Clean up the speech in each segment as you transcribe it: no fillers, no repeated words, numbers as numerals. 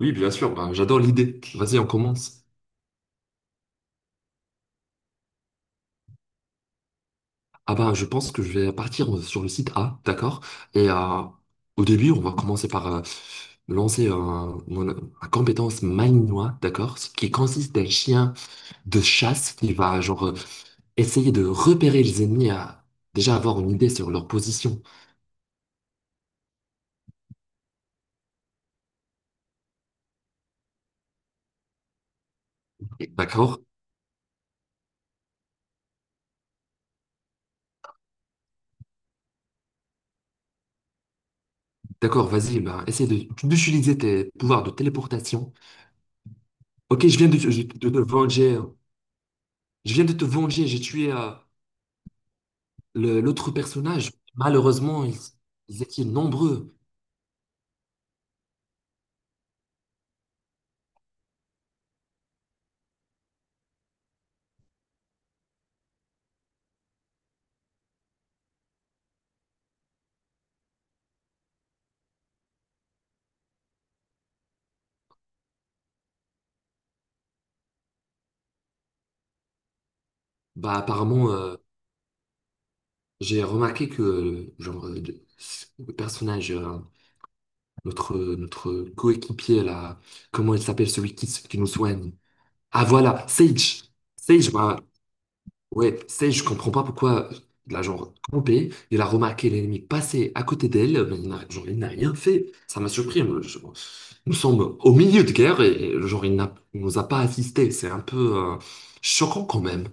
Oui, bien sûr, bah, j'adore l'idée. Vas-y, on commence. Ah bah, je pense que je vais partir sur le site A, d'accord? Et euh, Au début, on va commencer par lancer un compétence malinois, d'accord? Ce qui consiste d'un chien de chasse qui va genre essayer de repérer les ennemis à déjà avoir une idée sur leur position, d'accord? D'accord, vas-y, bah, d'utiliser tes pouvoirs de téléportation. Ok, je viens de, je- de te venger. Je viens de te venger, j'ai tué. L'autre personnage, malheureusement, ils étaient nombreux. Bah, apparemment, j'ai remarqué que genre, le personnage, notre coéquipier, là, comment il s'appelle, celui qui nous soigne? Ah voilà, Sage. Sage, bah, ouais, c'est, je comprends pas pourquoi la genre campé, il a remarqué l'ennemi passer à côté d'elle, mais il n'a genre, il n'a rien fait. Ça m'a surpris. Nous sommes au milieu de guerre et genre il n'a, il nous a pas assisté. C'est un peu choquant quand même.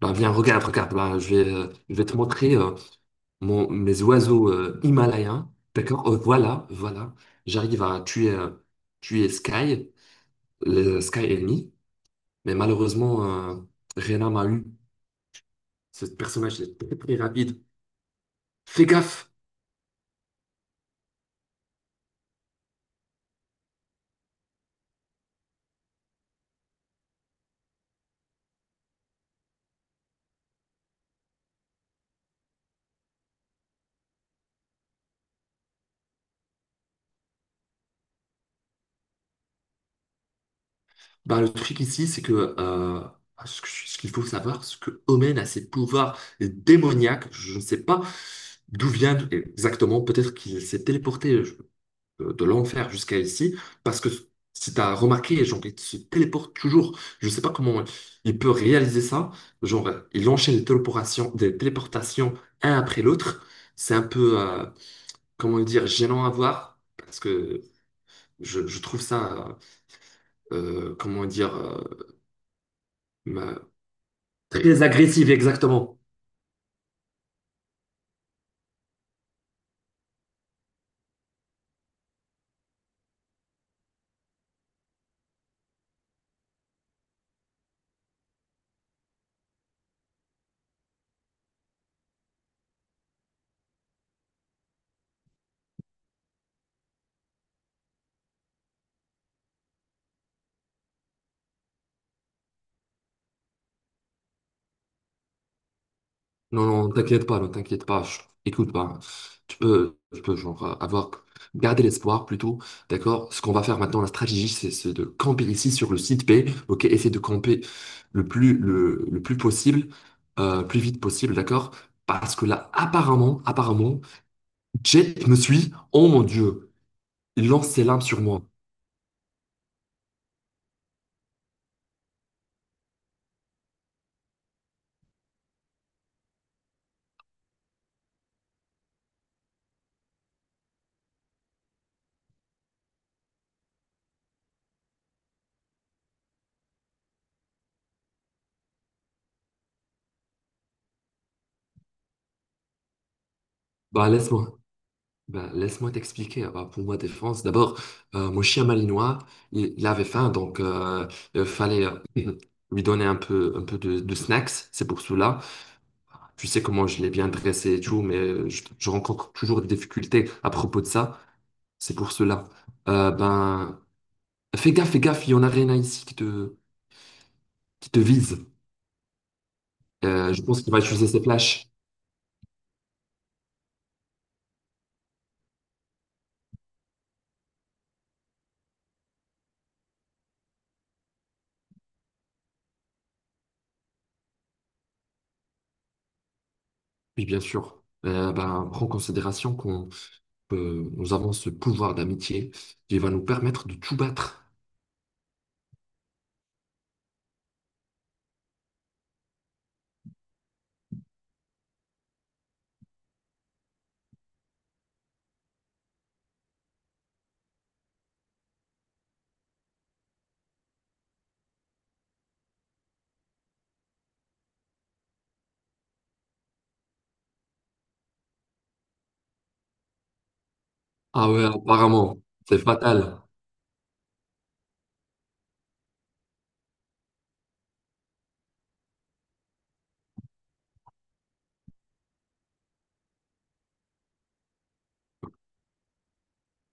Bah, viens, regarde, regarde, là, je vais te montrer mes oiseaux himalayens. D'accord? Voilà, voilà. J'arrive à tuer, tuer Sky, le Sky ennemi, mais malheureusement, euh, Rena m'a eu. Ce personnage est très très rapide. Fais gaffe. Bah, le truc ici, c'est que euh, ce qu'il faut savoir, ce que Omen a ses pouvoirs démoniaques. Je ne sais pas d'où viennent exactement. Peut-être qu'il s'est téléporté de l'enfer jusqu'à ici. Parce que si tu as remarqué, genre, il se téléporte toujours. Je ne sais pas comment il peut réaliser ça. Genre, il enchaîne les téléportations, des téléportations un après l'autre. C'est un peu, comment dire, gênant à voir. Parce que je trouve ça. Comment dire Bah, très agressive, exactement. Non, non, t'inquiète pas, ne t'inquiète pas, écoute pas. Tu peux genre avoir garder l'espoir plutôt, d'accord? Ce qu'on va faire maintenant, la stratégie, c'est de camper ici sur le site B, ok? Essayer de camper le plus possible, plus vite possible, d'accord? Parce que là, apparemment, Jet me suit. Oh mon Dieu, il lance ses lames sur moi. Bah laisse-moi. Ben, laisse-moi t'expliquer. Ah bah, pour ma défense, d'abord, mon chien malinois, il avait faim, donc fallait euh, lui donner un peu, de snacks. C'est pour cela. Tu sais comment je l'ai bien dressé et tout, mais je rencontre toujours des difficultés à propos de ça. C'est pour cela. Ben, fais gaffe, il y en a rien ici qui te vise. Je pense qu'il va utiliser ses flashs. Oui, bien sûr. Ben, prends en considération qu'on que nous avons ce pouvoir d'amitié qui va nous permettre de tout battre. Ah ouais, apparemment, c'est fatal.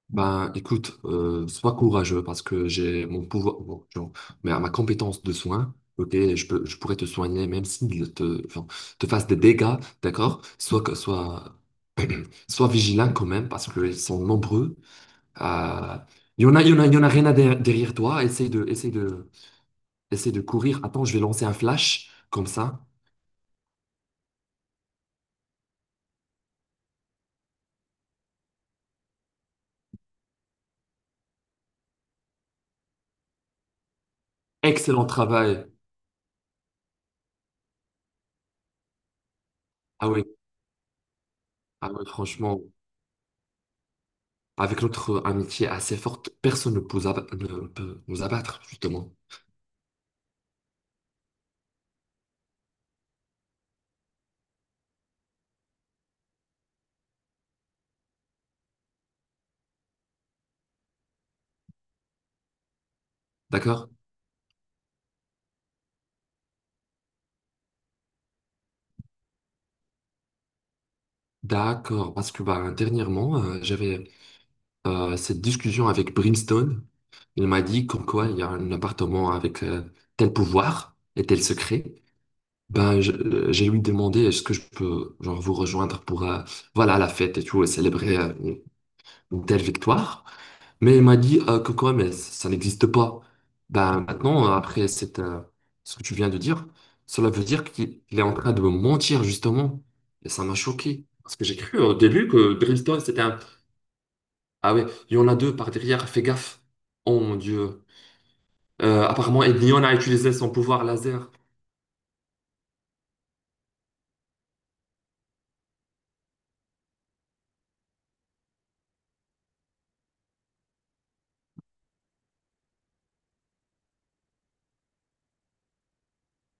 Ben, écoute, sois courageux parce que j'ai mon pouvoir, bon, genre, mais à ma compétence de soin, ok, je pourrais te soigner même s'il te, enfin, te fasse des dégâts, d'accord? Sois, sois vigilant quand même parce qu'ils sont nombreux. Euh, il y en a rien à derrière derrière toi. Essaie de courir. Attends, je vais lancer un flash comme ça. Excellent travail. Ah oui, ah oui, franchement, avec notre amitié assez forte, personne ne peut nous abattre, justement. D'accord? D'accord, parce que bah, dernièrement, j'avais cette discussion avec Brimstone. Il m'a dit comme quoi il y a un appartement avec tel pouvoir et tel secret. Ben, j'ai lui demandé est-ce que je peux genre, vous rejoindre pour voilà, la fête et tout, et célébrer une telle victoire. Mais il m'a dit que quoi, mais ça n'existe pas. Ben maintenant, après ce que tu viens de dire, cela veut dire qu'il il est en train de me mentir, justement. Et ça m'a choqué. Parce que j'ai cru au début que Bristol, c'était un... Ah ouais, il y en a deux par derrière, fais gaffe. Oh mon Dieu. Apparemment, Ednion a utilisé son pouvoir laser.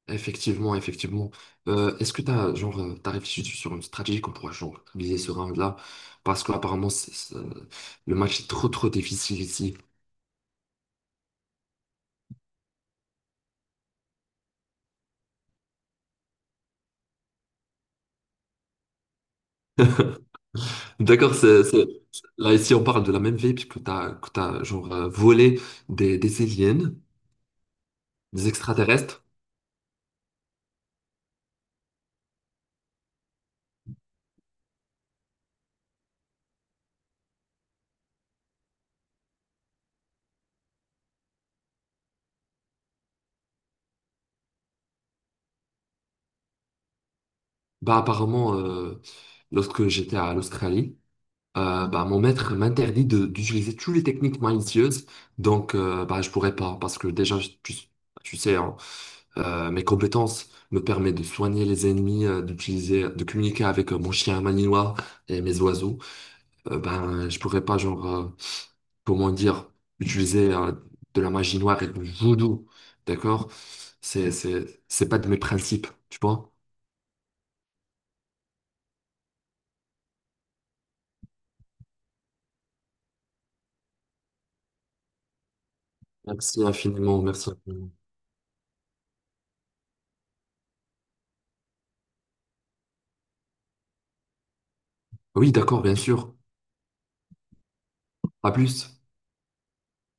Effectivement, effectivement. Est-ce que t'as, genre, t'as réfléchi sur une stratégie qu'on pourrait, genre, viser ce round-là? Parce qu'apparemment, le match est trop, trop difficile ici. D'accord, là ici on parle de la même vie que t'as genre volé des aliens, des extraterrestres. Bah apparemment, lorsque j'étais à l'Australie, bah mon maître m'interdit d'utiliser toutes les techniques malicieuses, donc bah je pourrais pas parce que déjà tu sais hein, mes compétences me permettent de soigner les ennemis, de communiquer avec mon chien malinois et mes oiseaux. Ben, je pourrais pas, genre, comment dire, utiliser de la magie noire et du voodoo, d'accord? C'est pas de mes principes, tu vois? Merci infiniment, merci infiniment. Oui, d'accord, bien sûr. À plus.